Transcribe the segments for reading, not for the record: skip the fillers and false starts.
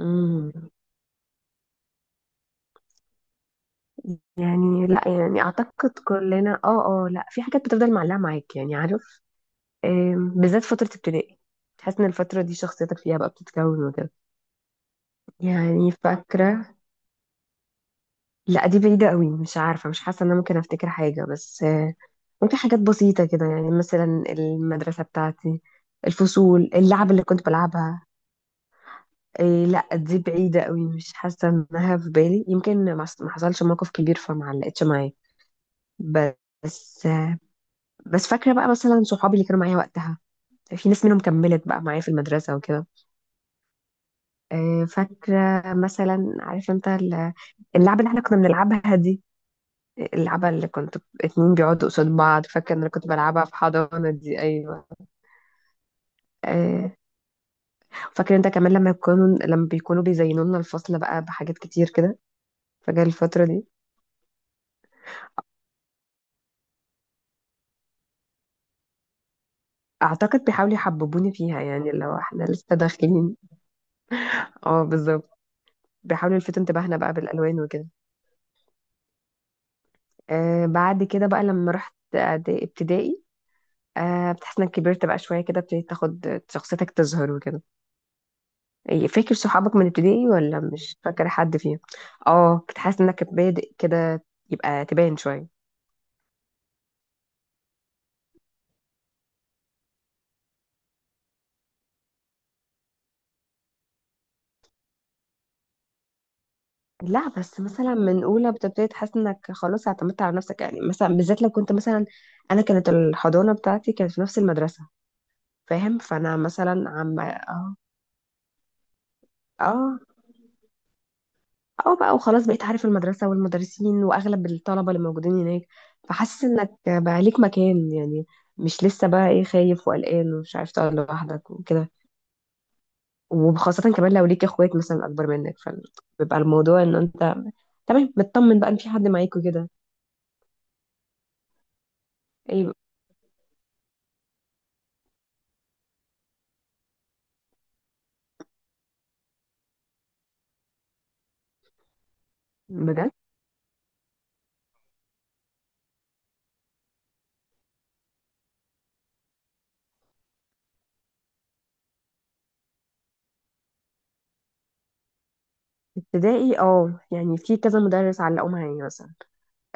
امم يعني لا، يعني اعتقد كلنا، لا، في حاجات بتفضل معلقه معاك يعني عارف. بالذات فتره ابتدائي، تحس ان الفتره دي شخصيتك فيها بقى بتتكون وكده. يعني فاكره. لا دي بعيده قوي، مش عارفه، مش حاسه ان انا ممكن افتكر حاجه، بس ممكن حاجات بسيطه كده، يعني مثلا المدرسه بتاعتي، الفصول، اللعب اللي كنت بلعبها. إيه لا دي بعيده قوي، مش حاسه انها في بالي، يمكن ما حصلش موقف كبير فما علقتش معايا. بس بس فاكرة بقى مثلا صحابي اللي كانوا معايا وقتها، في ناس منهم كملت بقى معايا في المدرسة وكده. فاكرة مثلا، عارف انت اللعبة اللي احنا كنا بنلعبها دي، اللعبة اللي كنت، اتنين بيقعدوا قصاد بعض، فاكرة ان انا كنت بلعبها في حضانة دي، ايوه. آه، فاكر انت كمان لما يكونوا، لما بيكونوا بيزينوا لنا الفصل بقى بحاجات كتير كده فجأة الفترة دي. اعتقد بيحاولوا يحببوني فيها، يعني لو احنا لسه داخلين. اه بالظبط، بيحاولوا يلفتوا انتباهنا بقى بالالوان وكده. آه بعد كده بقى لما رحت ابتدائي، آه بتحس انك كبرت بقى شويه كده، ابتديت تاخد شخصيتك تظهر وكده. إيه، فاكر صحابك من ابتدائي ولا مش فاكر حد فيهم؟ اه كنت حاسس انك بادئ كده يبقى تبان شويه. لا بس مثلا من اولى بتبتدي تحس انك خلاص اعتمدت على نفسك، يعني مثلا بالذات لو كنت مثلا، انا كانت الحضانه بتاعتي كانت في نفس المدرسه، فاهم؟ فانا مثلا عم اه اه اه بقى وخلاص، بقيت عارف المدرسة والمدرسين وأغلب الطلبة اللي موجودين هناك. فحاسس إنك بقى ليك مكان يعني، مش لسه بقى إيه، خايف وقلقان ومش عارف تقعد لوحدك وكده. وخاصة كمان لو ليك إخوات مثلا أكبر منك، فبيبقى الموضوع إن أنت تمام، مطمن بقى إن في حد معاك وكده. إيه بجد. ابتدائي، اه يعني في كذا مدرس علقوا معايا مثلا.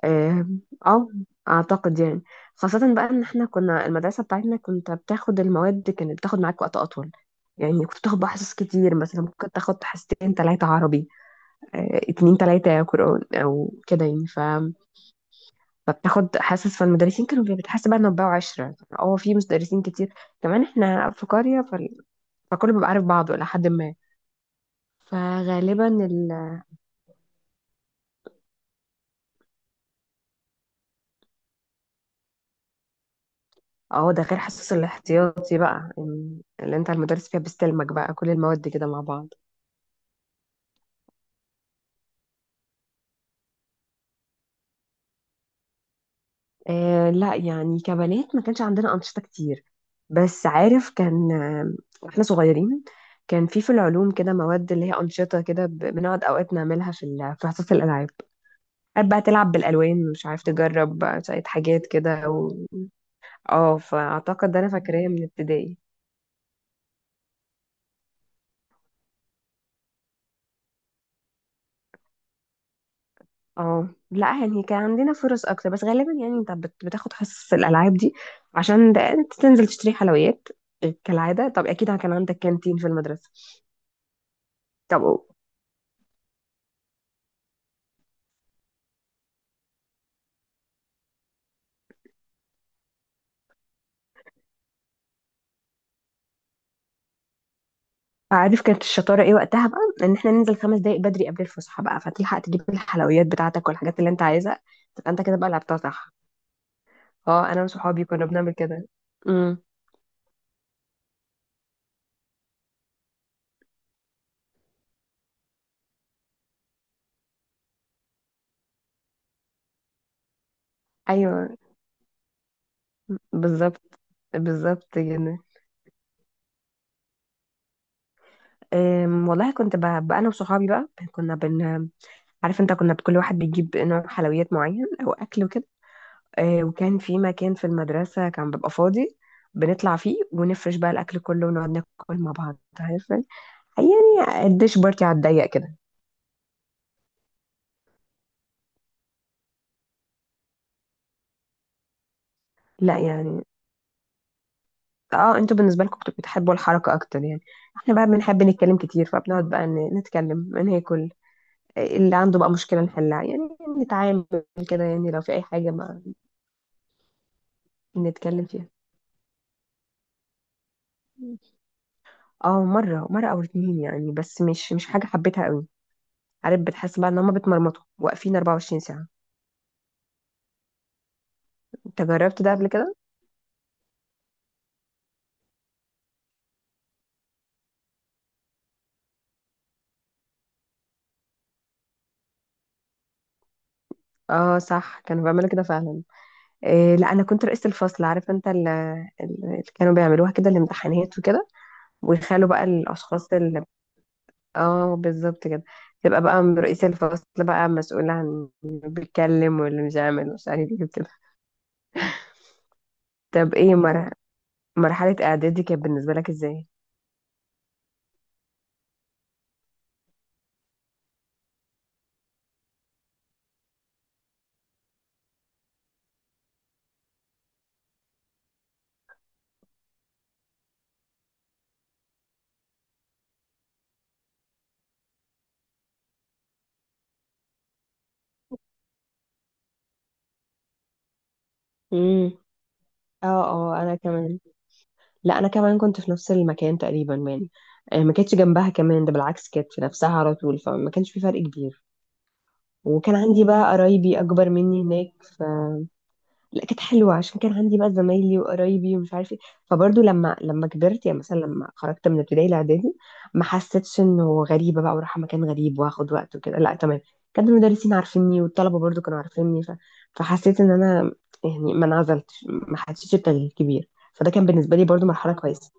اه. آه، اعتقد يعني، خاصة بقى ان احنا كنا، المدرسة بتاعتنا كنت بتاخد المواد، كانت بتاخد معاك وقت اطول، يعني كنت بتاخد بقى حصص كتير، مثلا ممكن تاخد حصتين تلاتة عربي، اتنين تلاتة قرآن او كده، يعني فبتاخد حصص، فالمدرسين كانوا، بتحس بقى انه بقوا عشرة، اه في مدرسين كتير، كمان احنا في قرية فكله بيبقى عارف بعضه الى حد ما. فغالبا ال، اه ده غير حصص الاحتياطي بقى، اللي انت المدرس فيها بيستلمك بقى كل المواد كده مع بعض. آه لا يعني، كبنات ما كانش عندنا أنشطة كتير، بس عارف كان واحنا صغيرين، كان في في العلوم كده مواد اللي هي أنشطة كده، بنقعد أوقات نعملها في في حصة الألعاب، قاعد بقى تلعب بالألوان، مش عارف تجرب بقى شوية حاجات كده و... اه فأعتقد ده أنا فاكراه من ابتدائي. اه لا يعني كان عندنا فرص أكتر، بس غالبا يعني أنت بتاخد حصص الألعاب دي عشان أنت تنزل تشتري حلويات كالعادة، طب أكيد كان عندك كانتين في المدرسة. طب عارف كانت الشطارة ايه وقتها بقى؟ ان احنا ننزل خمس دقايق بدري قبل الفسحة بقى فتلحق تجيب الحلويات بتاعتك والحاجات اللي انت عايزها، تبقى انت كده بقى لعبتها صح. اه انا وصحابي كنا بنعمل كده. امم. ايوه بالظبط. بالظبط كده. والله كنت بقى انا وصحابي بقى كنا عارف انت، كنا كل واحد بيجيب نوع حلويات معين او اكل وكده. وكان في مكان في المدرسة كان بيبقى فاضي، بنطلع فيه ونفرش بقى الاكل كله ونقعد ناكل مع بعض عارف يعني، الديش بارتي على الضيق كده. لا يعني، اه انتوا بالنسبه لكم بتبقوا بتحبوا الحركه اكتر يعني، احنا بقى بنحب نتكلم كتير فبنقعد بقى نتكلم ناكل، اللي عنده بقى مشكله نحلها يعني، نتعامل كده يعني، لو في اي حاجه ما نتكلم فيها. اه مره مره او اتنين يعني، بس مش حاجه حبيتها قوي. عارف بتحس بقى ان هما بيتمرمطوا واقفين 24 ساعه. انت جربت ده قبل كده؟ اه صح، كانوا بيعملوا كده فعلا. إيه لا انا كنت رئيسة الفصل، عارف انت اللي كانوا بيعملوها كده، الامتحانات وكده، ويخلوا بقى الاشخاص. اه بالظبط كده، تبقى بقى من رئيس الفصل بقى مسؤول عن اللي بيتكلم واللي مش عامل ومش عارف ايه كده. طب ايه مرحلة اعدادي كانت بالنسبة لك ازاي؟ امم. اه اه انا كمان، لا انا كمان كنت في نفس المكان تقريبا يعني، ما كانتش جنبها كمان، ده بالعكس كانت في نفسها على طول، فما كانش في فرق كبير. وكان عندي بقى قرايبي اكبر مني هناك. لا كانت حلوه عشان كان عندي بقى زمايلي وقرايبي ومش عارف ايه، فبرضه لما كبرت يعني، مثلا لما خرجت من ابتدائي لاعدادي، ما حسيتش انه غريبه بقى وراح مكان غريب واخد وقت وكده، لا تمام، كان المدرسين عارفيني والطلبه برضه كانوا عارفيني، فحسيت ان انا، يعني ما انعزلتش، ما حسيتش بتغيير كبير، فده كان بالنسبه لي برضه مرحله كويسه.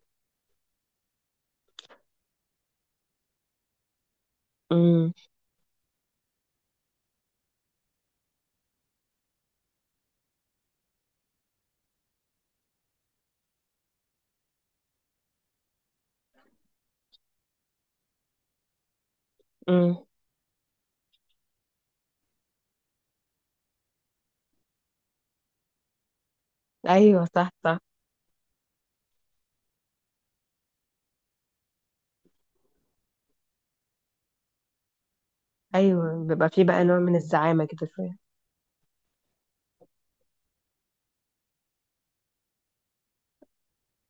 امم. امم. ايوه صح صح. ايوه بيبقى في بقى نوع من الزعامه كده شويه.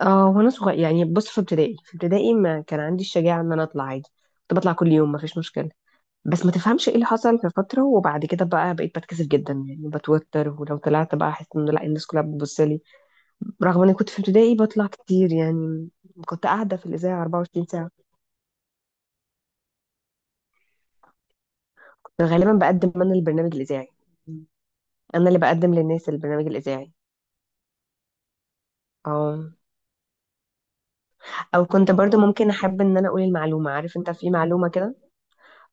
اه وانا صغير يعني، بص في ابتدائي، ما كان عندي الشجاعة ان انا اطلع عادي، كنت بطلع كل يوم ما فيش مشكلة، بس ما تفهمش ايه اللي حصل في فترة وبعد كده بقى، بقيت بتكسف جدا يعني، بتوتر ولو طلعت بقى احس ان لا الناس كلها بتبص لي، رغم اني كنت في ابتدائي بطلع كتير يعني. كنت قاعدة في الإذاعة 24 ساعة. كنت غالبا بقدم انا البرنامج الإذاعي، انا اللي بقدم للناس البرنامج الإذاعي. اه. او كنت برضو ممكن احب ان انا اقول المعلومة، عارف انت في معلومة كده.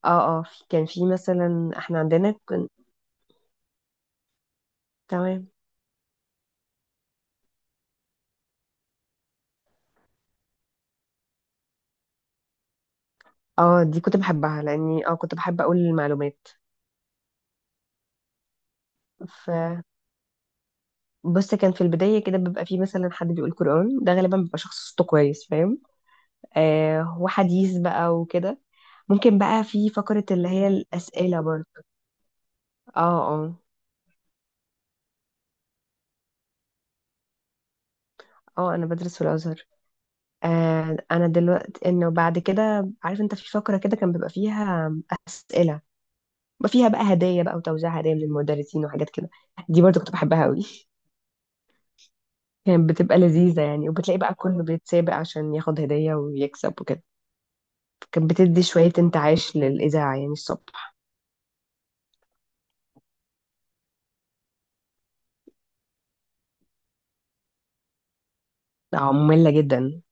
اه كان في مثلا احنا عندنا تمام. اه دي كنت بحبها لاني اه كنت بحب اقول المعلومات. ف بص، كان في البداية كده بيبقى في مثلا حد بيقول قرآن، ده غالبا بيبقى شخص صوته كويس فاهم، آه وحديث بقى وكده، ممكن بقى في فقرة اللي هي الأسئلة برضه. اه. اه انا بدرس في الازهر. آه انا دلوقتي انه بعد كده، عارف انت في فقره كده كان بيبقى فيها اسئله، بيبقى فيها بقى هدايا بقى وتوزيع هدايا من المدرسين وحاجات كده، دي برضو كنت بحبها قوي. كانت بتبقى لذيذة يعني، وبتلاقي بقى كله بيتسابق عشان ياخد هدية ويكسب وكده، كانت بتدي شوية انتعاش للإذاعة يعني الصبح. اه مملة جدا.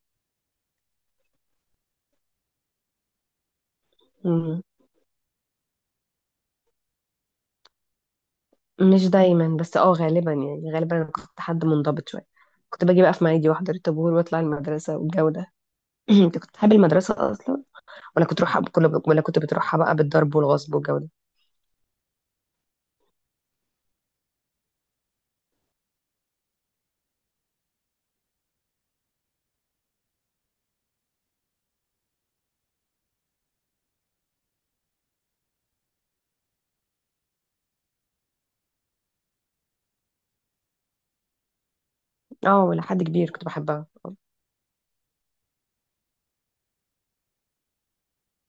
مم. مش دايما، بس اه غالبا يعني، غالبا أنا كنت حد منضبط شوية، كنت باجي بقى في ميعادي واحضر الطابور واطلع المدرسة والجو ده. انت كنت بتحب المدرسة أصلا، ولا كنت تروحها بكل، ولا كنت بتروحها بقى بالضرب والغصب والجو ده؟ اه ولا حد كبير كنت بحبها.